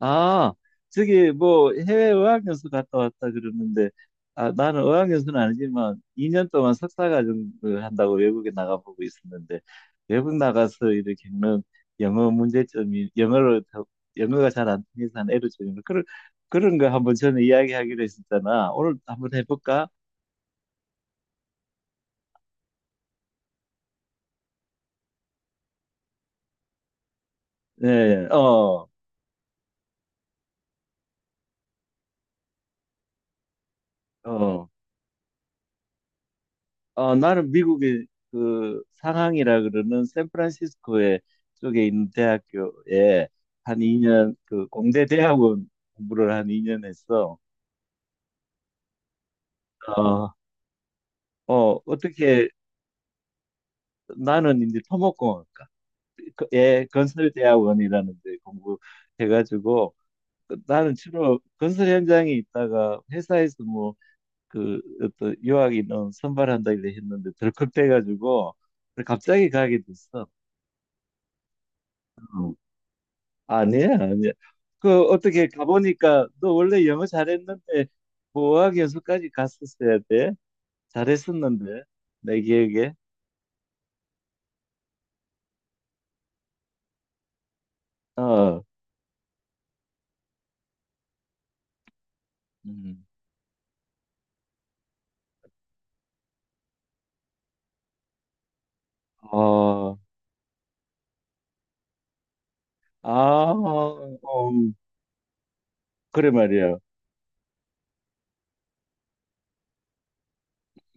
아, 저기 뭐 해외 어학연수 갔다 왔다 그러는데, 아, 나는 어학연수는 아니지만 2년 동안 석사과정을 한다고 외국에 나가보고 있었는데, 외국 나가서 이렇게 겪는 영어 문제점이 영어가 잘 안 통해서 한 애로점이 그런 거 한번 전에 이야기하기로 했었잖아. 오늘 한번 해볼까? 네, 어, 어. 어, 나는 미국의 그 상황이라 그러는 샌프란시스코에 쪽에 있는 대학교에 한 2년 그 공대 대학원 공부를 한 2년 했어. 어, 어, 어떻게. 나는 이제 토목공학과 예, 건설대학원이라는 데 공부해가지고 나는 주로 건설 현장에 있다가 회사에서 뭐 그 어떤 유학 인원 선발한다 이래 했는데 덜컥 돼가지고 갑자기 가게 됐어. 아니야, 아니야. 그 어떻게 가보니까 너 원래 영어 잘했는데 보호학 연수까지 갔었어야 돼. 잘했었는데 내 기억에. 어, 음. 어, 아, 어, 그래 말이야.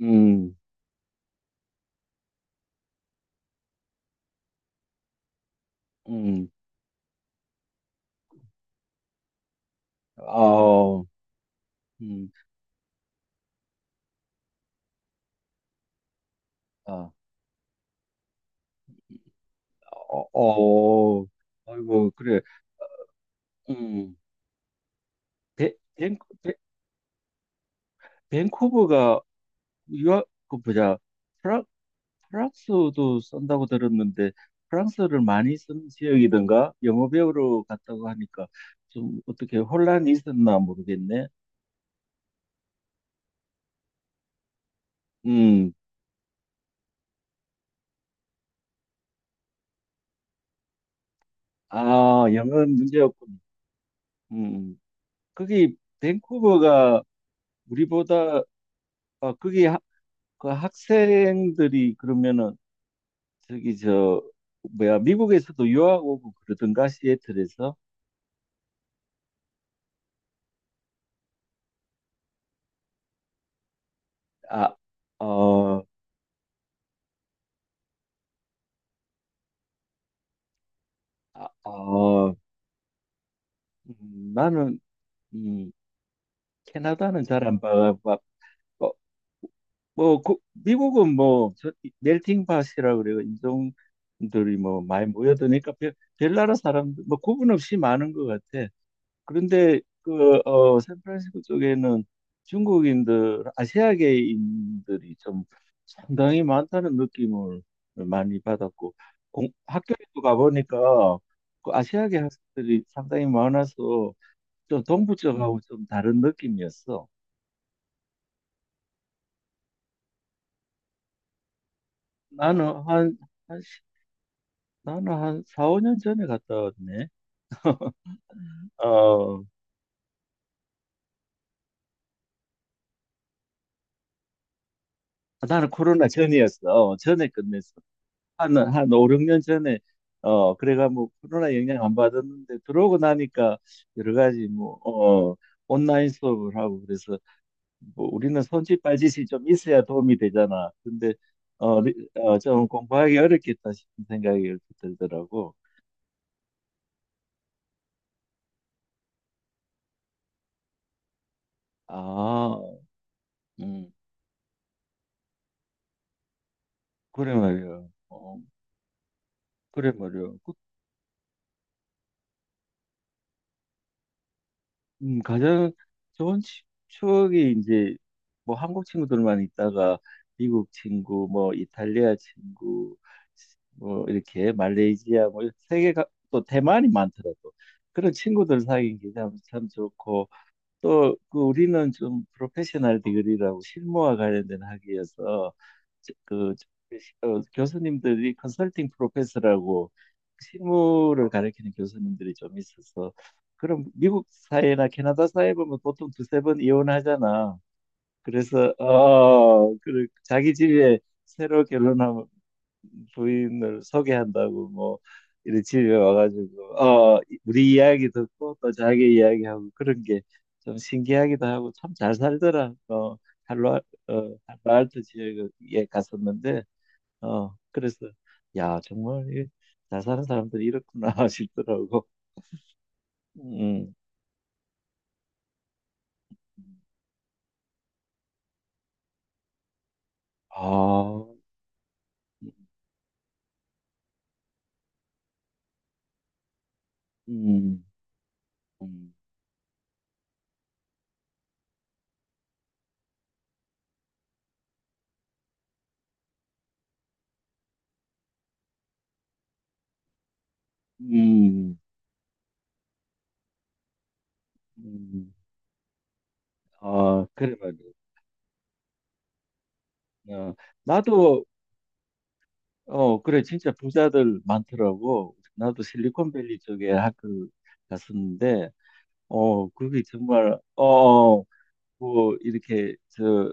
음, 음, 아, 음, 아, 어, 어, 아이고 그래. 음, 벤, 벤, 벤- 벤쿠버가 유학 그 보자. 프랑스어도 쓴다고 들었는데 프랑스어를 많이 쓰는 지역이던가? 영어 배우러 갔다고 하니까 좀 어떻게 혼란이 있었나 모르겠네. 음, 아, 영어는 문제였군. 음, 거기 밴쿠버가 우리보다 아, 거기 하, 그 학생들이 그러면은 저기 저 뭐야, 미국에서도 유학 오고 그러던가 시애틀에서. 아, 어, 아, 어, 나는 음, 캐나다는 잘 안 봐. 어, 뭐, 그- 미국은 뭐, 저, 멜팅 팟이라 그래요. 인종들이 뭐 많이 모여드니까 별, 별 나라 사람들, 뭐 구분 없이 많은 것 같아. 그런데 그, 어, 샌프란시스코 쪽에는 중국인들, 아시아계인들이 좀 상당히 많다는 느낌을 많이 받았고, 공, 학교에도 가보니까 그 아시아계 학생들이 상당히 많아서 좀 동부 쪽하고 좀 다른 느낌이었어. 나는 한, 나는 한 4, 5년 전에 갔다 왔네. 어, 나는 코로나 전이었어. 어, 전에 끝냈어. 한 5, 6년 전에, 어, 그래가 뭐 코로나 영향 안 받았는데 들어오고 나니까 여러 가지 뭐, 어, 온라인 수업을 하고 그래서 뭐 우리는 손짓 발짓이 좀 있어야 도움이 되잖아. 근데, 어, 좀 공부하기 어렵겠다 싶은 생각이 이렇게 들더라고. 아, 음, 그래 말이야. 어, 그래 말이야. 그 가장 좋은 추억이 이제 뭐 한국 친구들만 있다가 미국 친구, 뭐 이탈리아 친구, 뭐 이렇게 말레이시아, 뭐 세계가, 또 대만이 많더라고. 그런 친구들 사귄 게참 참참 좋고, 또 그 우리는 좀 프로페셔널 디그리라고 실무와 관련된 학위여서 저- 그 어, 교수님들이 컨설팅 프로페서라고 실무를 가르치는 교수님들이 좀 있어서, 그럼 미국 사회나 캐나다 사회 보면 보통 두세 번 이혼하잖아. 그래서 어, 그 자기 집에 새로 결혼하면 부인을 소개한다고 뭐 이런 집에 와가지고 어 우리 이야기 듣고 또 자기 이야기하고 그런 게 좀 신기하기도 하고 참 잘 살더라. 어, 할로 어 할로알토 지역에 갔었는데 어, 그래서 야 정말 이잘 사는 사람들이 이렇구나 싶더라고. 음. 아. 음. 음. 음. 음. 아, 그래 말이야. 어, 나도 어, 그래, 진짜 부자들 많더라고. 나도 실리콘밸리 쪽에 학교 갔었는데, 어, 그게 정말, 어, 어, 뭐, 이렇게, 저,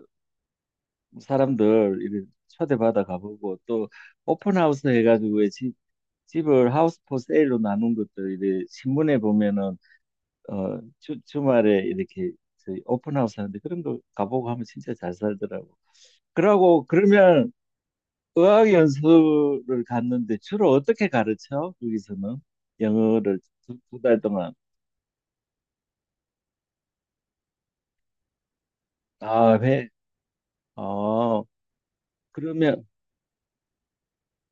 사람들 이렇게 초대받아 가보고, 또, 오픈하우스 해가지고, 왜 집을 하우스 포 세일로 나눈 것들, 이제, 신문에 보면은, 어, 주말에 이렇게, 저 오픈하우스 하는데, 그런 거 가보고 하면 진짜 잘 살더라고. 그러고, 그러면, 어학 연수를 갔는데 주로 어떻게 가르쳐? 거기서는 영어를 두 달 동안. 아, 회. 어, 그러면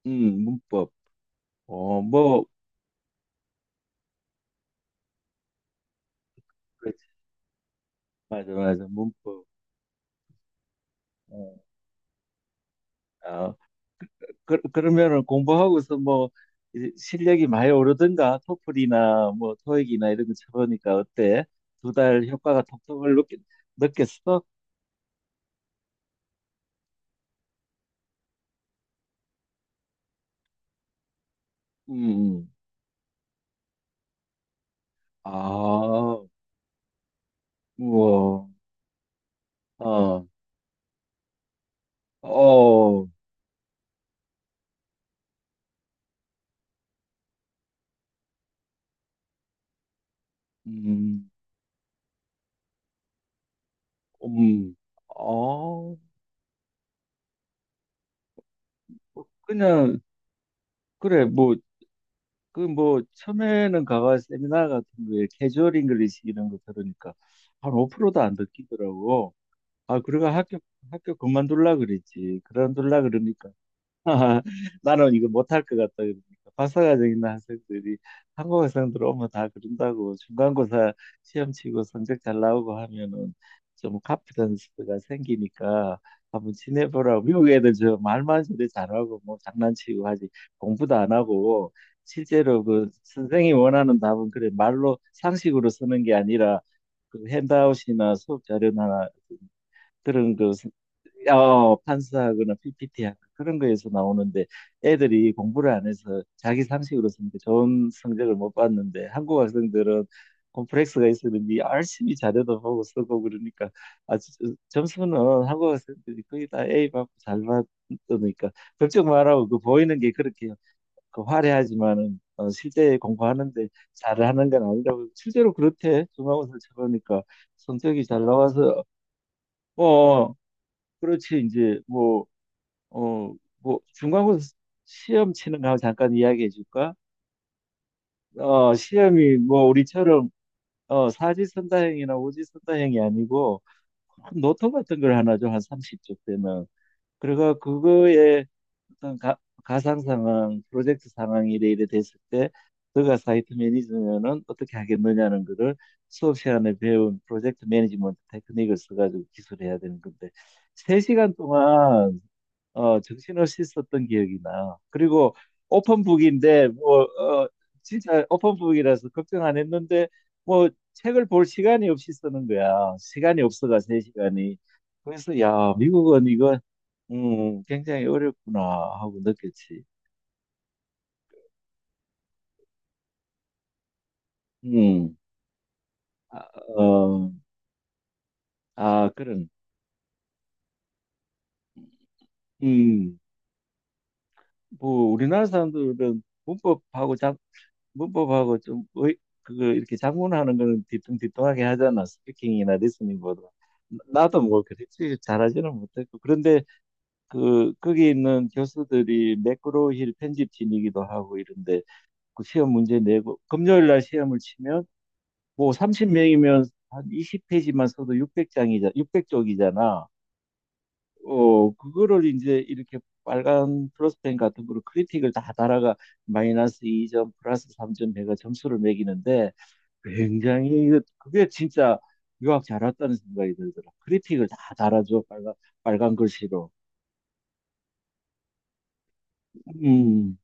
문법. 어, 뭐 그렇지. 맞아, 맞아. 문법. 어. 아, 그러면은 공부하고서 뭐 이제 실력이 많이 오르든가 토플이나 뭐 토익이나 이런 거 쳐보니까 어때? 두 달 효과가 톡톡을 느꼈어? 음. 음. 아, 우와. 어. 어. 음. 음, 어, 뭐 그냥, 그래, 뭐, 그 뭐, 처음에는 가가 세미나 같은 거에 캐주얼 잉글리시 이런 거 들으니까 한 5%도 안 듣기더라고. 아, 그래가 학교 그만둘라 그랬지. 그만둘라 그러니까 나는 이거 못할 것 같다 그러니까 박사과정 있는 학생들이 한국 학생들 오면 다 그런다고 중간고사 시험 치고 성적 잘 나오고 하면은 좀 카피던스가 생기니까 한번 지내보라고. 미국 애들 저 말만 저리 잘하고 뭐 장난치고 하지 공부도 안 하고, 실제로 그 선생이 원하는 답은 그래 말로 상식으로 쓰는 게 아니라 그 핸드아웃이나 수업 자료나 그런 그 어, 판사하거나 PPT하고 그런 거에서 나오는데 애들이 공부를 안 해서 자기 상식으로 쓰니까 좋은 성적을 못 봤는데 한국 학생들은 콤플렉스가 있었는지 열심히 자료도 보고 쓰고 그러니까 아, 점수는 한국 학생들이 거의 다 A 받고 잘 받으니까 걱정 말라고. 그 보이는 게 그렇게 그 화려하지만은 어, 실제 공부하는데 잘하는 건 아니라고. 실제로 그렇대. 중간고사를 쳐보니까 성적이 잘 나와서 어, 그렇지 이제 뭐, 어 뭐 중간고사 시험 치는 거 잠깐 이야기해 줄까? 어, 시험이 뭐 우리처럼 어 사지선다형이나 오지선다형이 아니고 큰 노트 같은 걸 하나 좀 한 30쪽 되면 그래가 그거에 어떤 가상 상황, 프로젝트 상황 이래 이래 됐을 때 너가 사이트 매니저면은 어떻게 하겠느냐는 거를 수업 시간에 배운 프로젝트 매니지먼트 테크닉을 써가지고 기술해야 되는 건데 세시간 동안 어, 정신을 씻었던 기억이 나. 그리고 오픈북인데 뭐, 어, 진짜 오픈북이라서 걱정 안 했는데 뭐 책을 볼 시간이 없이 쓰는 거야. 시간이 없어가 세 시간이. 그래서 야, 미국은 이거 굉장히 어렵구나 하고 느꼈지. 음. 아, 어, 아, 그런. 음. 뭐 우리나라 사람들은 문법하고 좀 의, 그거 이렇게 작문하는 거는 뒤뚱뒤뚱하게 하잖아. 스피킹이나 리스닝보다. 나도 뭐 그렇지 잘하지는 못했고 그런데 그 거기 있는 교수들이 매크로힐 편집진이기도 하고 이런데 그 시험 문제 내고 금요일 날 시험을 치면 뭐 30명이면 한 20페이지만 써도 600장이자 600쪽이잖아. 어, 그거를 이제 이렇게 빨간 플러스펜 같은 거로 크리틱을 다 달아가 마이너스 2점 플러스 3점 해가 점수를 매기는데 굉장히 그게 진짜 유학 잘 왔다는 생각이 들더라. 크리틱을 다 달아줘 빨간 글씨로. 음,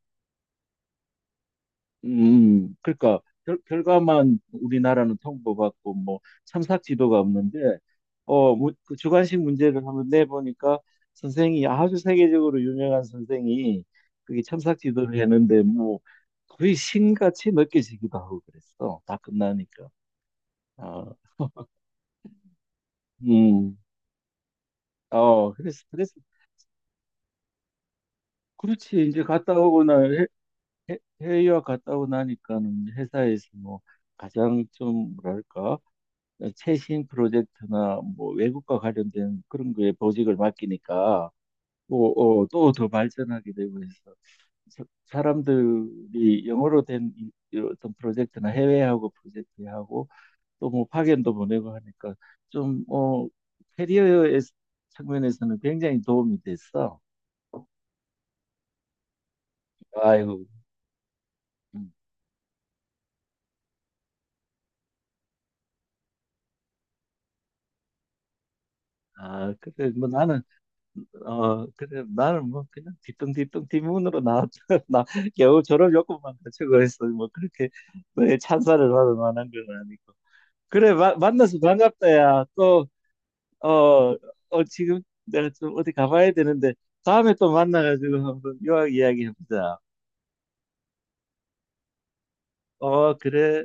그러니까 결과만 우리나라는 통보받고 뭐 참삭 지도가 없는데, 어, 뭐, 그 주관식 문제를 한번 내보니까 선생이 아주 세계적으로 유명한 선생이 그게 참삭 지도를 했는데 뭐 거의 신같이 느껴지기도 하고 그랬어. 다 끝나니까. 어, 음, 어, 그래서 그렇지. 이제 갔다 오고 나 해외유학 갔다 오고 나니까는 회사에서 뭐 가장 좀 뭐랄까 최신 프로젝트나 뭐 외국과 관련된 그런 거에 보직을 맡기니까 뭐또 더 발전하게 되고 해서 사람들이 영어로 된 이 어떤 프로젝트나 해외하고 프로젝트하고 또 뭐 파견도 보내고 하니까 좀어 캐리어의 측면에서는 굉장히 도움이 됐어. 아이고. 음. 아, 그래. 뭐 나는 어, 그래, 나는 뭐, 그냥 뒤뚱뒤뚱 뒷문으로 나왔다. 나 겨우 졸업 요건만 갖추고했어. 뭐, 그렇게 너의 찬사를 받을 만한 건 아니고. 그래, 만나서 반갑다, 야. 또, 어, 어, 지금 내가 좀 어디 가봐야 되는데, 다음에 또 만나가지고 한번 유학 이야기 해보자. 어, 그래.